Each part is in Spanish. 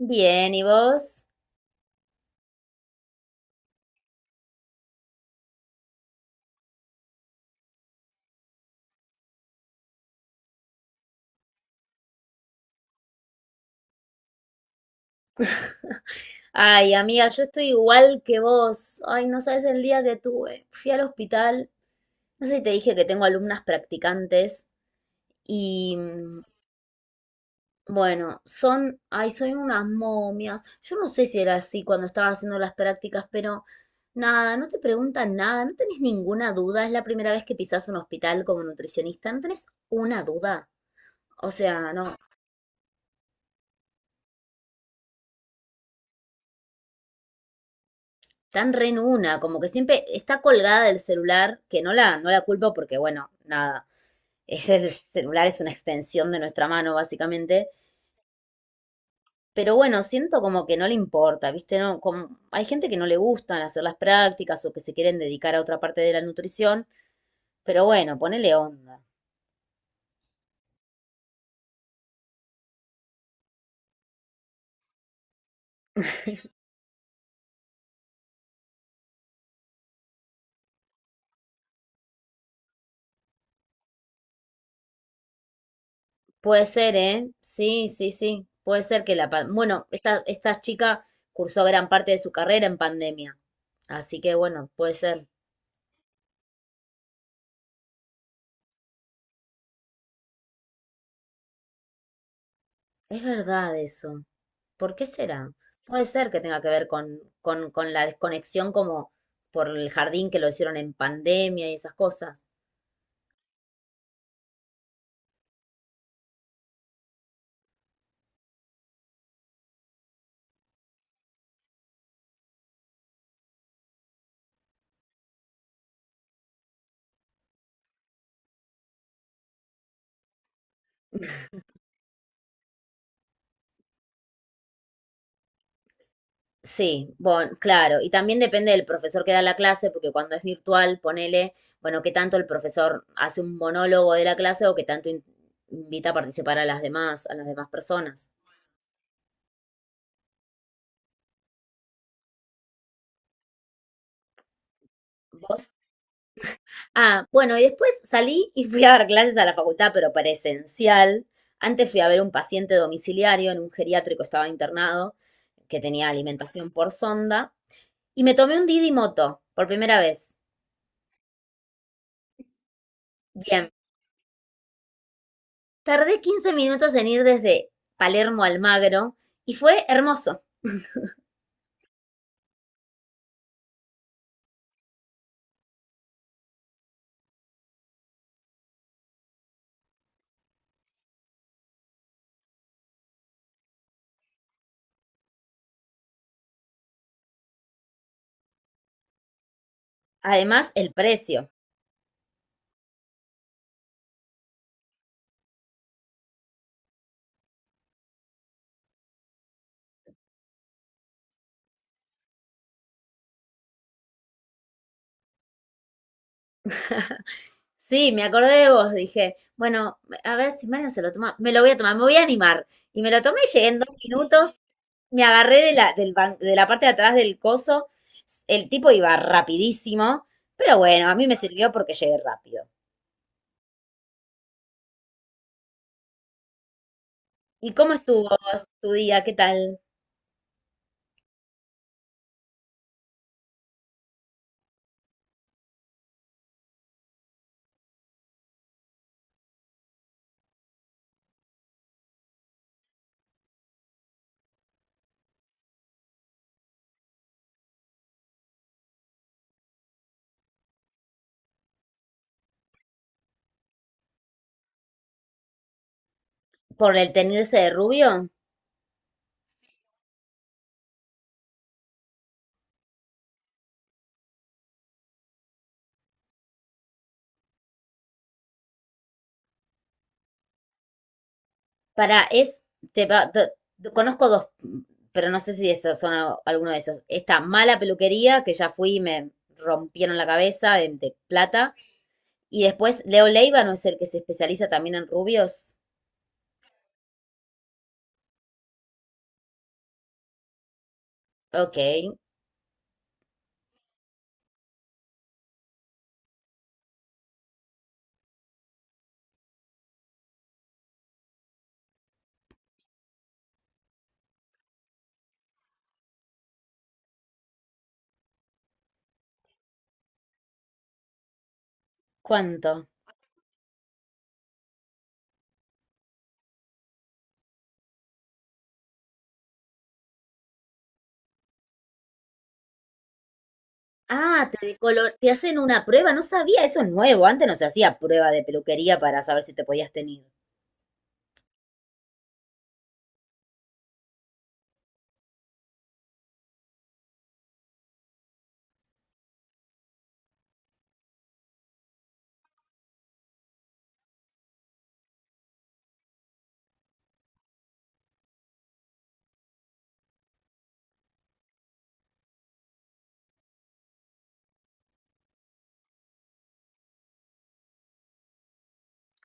Bien, ¿y vos? Ay, amiga, yo estoy igual que vos. Ay, no sabes el día que tuve. Fui al hospital. No sé si te dije que tengo alumnas practicantes. Y bueno, son, ay, son unas momias. Yo no sé si era así cuando estaba haciendo las prácticas, pero nada, no te preguntan nada, no tenés ninguna duda. Es la primera vez que pisás un hospital como nutricionista, no tenés una duda. O sea, no, tan re en una, como que siempre está colgada del celular, que no la culpo porque, bueno, nada, ese el celular es una extensión de nuestra mano, básicamente. Pero bueno, siento como que no le importa, ¿viste? No, como, hay gente que no le gustan hacer las prácticas o que se quieren dedicar a otra parte de la nutrición, pero bueno, ponele onda. Puede ser, ¿eh? Sí, sí, sí. Puede ser que la... Bueno, esta chica cursó gran parte de su carrera en pandemia. Así que bueno, puede ser. Es verdad eso. ¿Por qué será? Puede ser que tenga que ver con, con la desconexión como por el jardín que lo hicieron en pandemia y esas cosas. Sí, bueno, claro, y también depende del profesor que da la clase, porque cuando es virtual, ponele, bueno, qué tanto el profesor hace un monólogo de la clase o qué tanto invita a participar a las demás personas. ¿Vos Ah, bueno, y después salí y fui a dar clases a la facultad, pero presencial. Antes fui a ver un paciente domiciliario en un geriátrico, estaba internado, que tenía alimentación por sonda, y me tomé un Didi Moto por primera vez. Bien, tardé 15 minutos en ir desde Palermo a Almagro y fue hermoso. Además, el precio. Sí, me acordé de vos, dije, bueno, a ver si Marian se lo toma, me lo voy a tomar, me voy a animar. Y me lo tomé y llegué en 2 minutos, me agarré de la, de la parte de atrás del coso. El tipo iba rapidísimo, pero bueno, a mí me sirvió porque llegué rápido. ¿Y cómo estuvo vos, tu día? ¿Qué tal? ¿Por el tenerse de rubio? Para, es, te, va- te- te- conozco dos, pero no sé si esos son alguno de esos. Esta mala peluquería, que ya fui y me rompieron la cabeza de plata. Y después, Leo Leiva, ¿no es el que se especializa también en rubios? Ok, ¿cuánto? Ah, te hacen una prueba, no sabía, eso es nuevo, antes no se hacía prueba de peluquería para saber si te podías tener.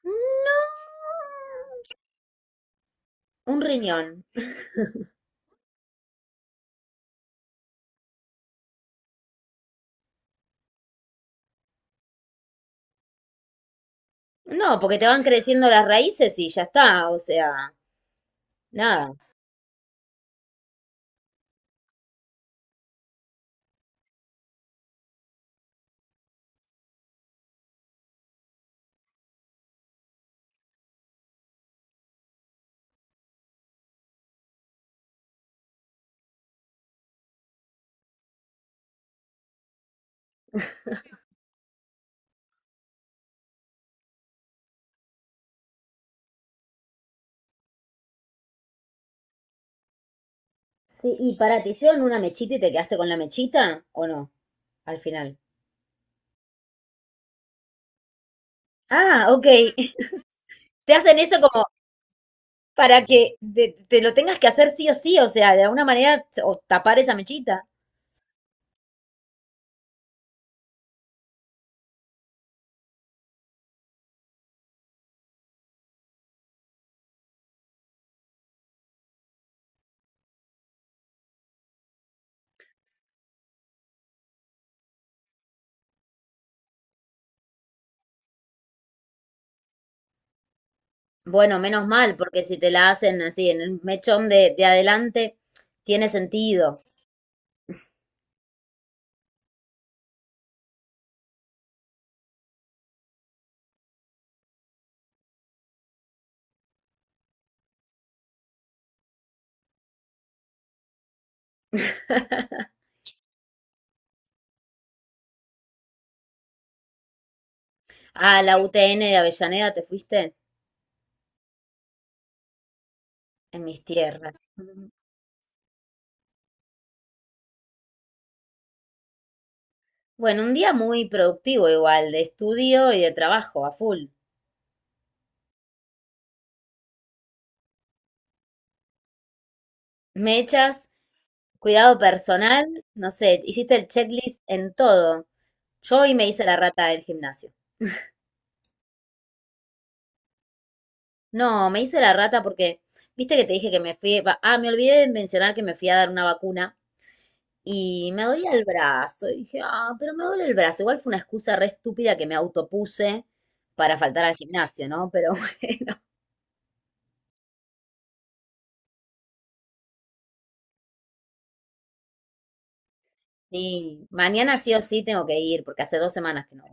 No. Un riñón. No, porque te van creciendo las raíces y ya está, o sea, nada. Sí, y para, ¿te hicieron una mechita y te quedaste con la mechita o no? Al final. Ah, ok. Te hacen eso como para que te lo tengas que hacer sí o sí, o sea, de alguna manera o tapar esa mechita. Bueno, menos mal, porque si te la hacen así en el mechón de adelante, tiene sentido. Ah, la UTN de Avellaneda, ¿te fuiste? En mis tierras. Ujú. Bueno, un día muy productivo igual, de estudio y de trabajo, a full. Mechas, cuidado personal, no sé, hiciste el checklist en todo. Yo hoy me hice la rata del gimnasio. No, me hice la rata porque, viste que te dije que me fui, me olvidé de mencionar que me fui a dar una vacuna. Y me dolía el brazo. Y dije, ah, pero me duele el brazo. Igual fue una excusa re estúpida que me autopuse para faltar al gimnasio, ¿no? Pero bueno, sí. Mañana sí o sí tengo que ir, porque hace 2 semanas que no voy.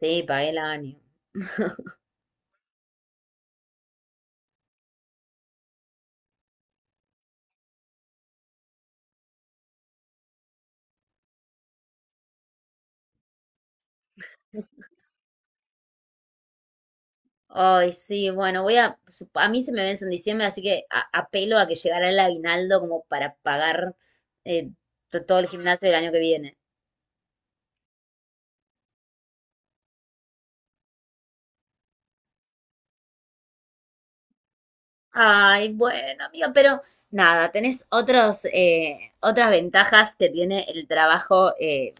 Sí, pagué el año. Ay, sí, bueno, a mí se me vence en diciembre, así que apelo a que llegará el aguinaldo como para pagar eh, todo el gimnasio del año que viene. Ay, bueno, amiga, pero nada, tenés otros, otras ventajas que tiene el trabajo,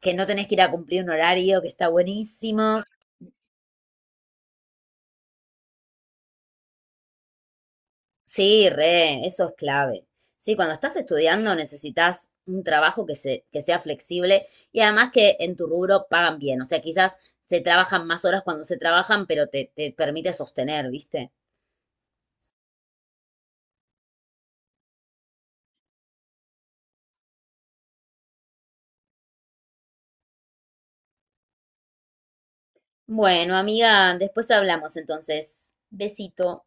que no tenés que ir a cumplir un horario, que está buenísimo. Sí, re, eso es clave. Sí, cuando estás estudiando necesitas un trabajo que que sea flexible y además que en tu rubro pagan bien. O sea, quizás se trabajan más horas cuando se trabajan, pero te permite sostener, ¿viste? Bueno, amiga, después hablamos entonces. Besito.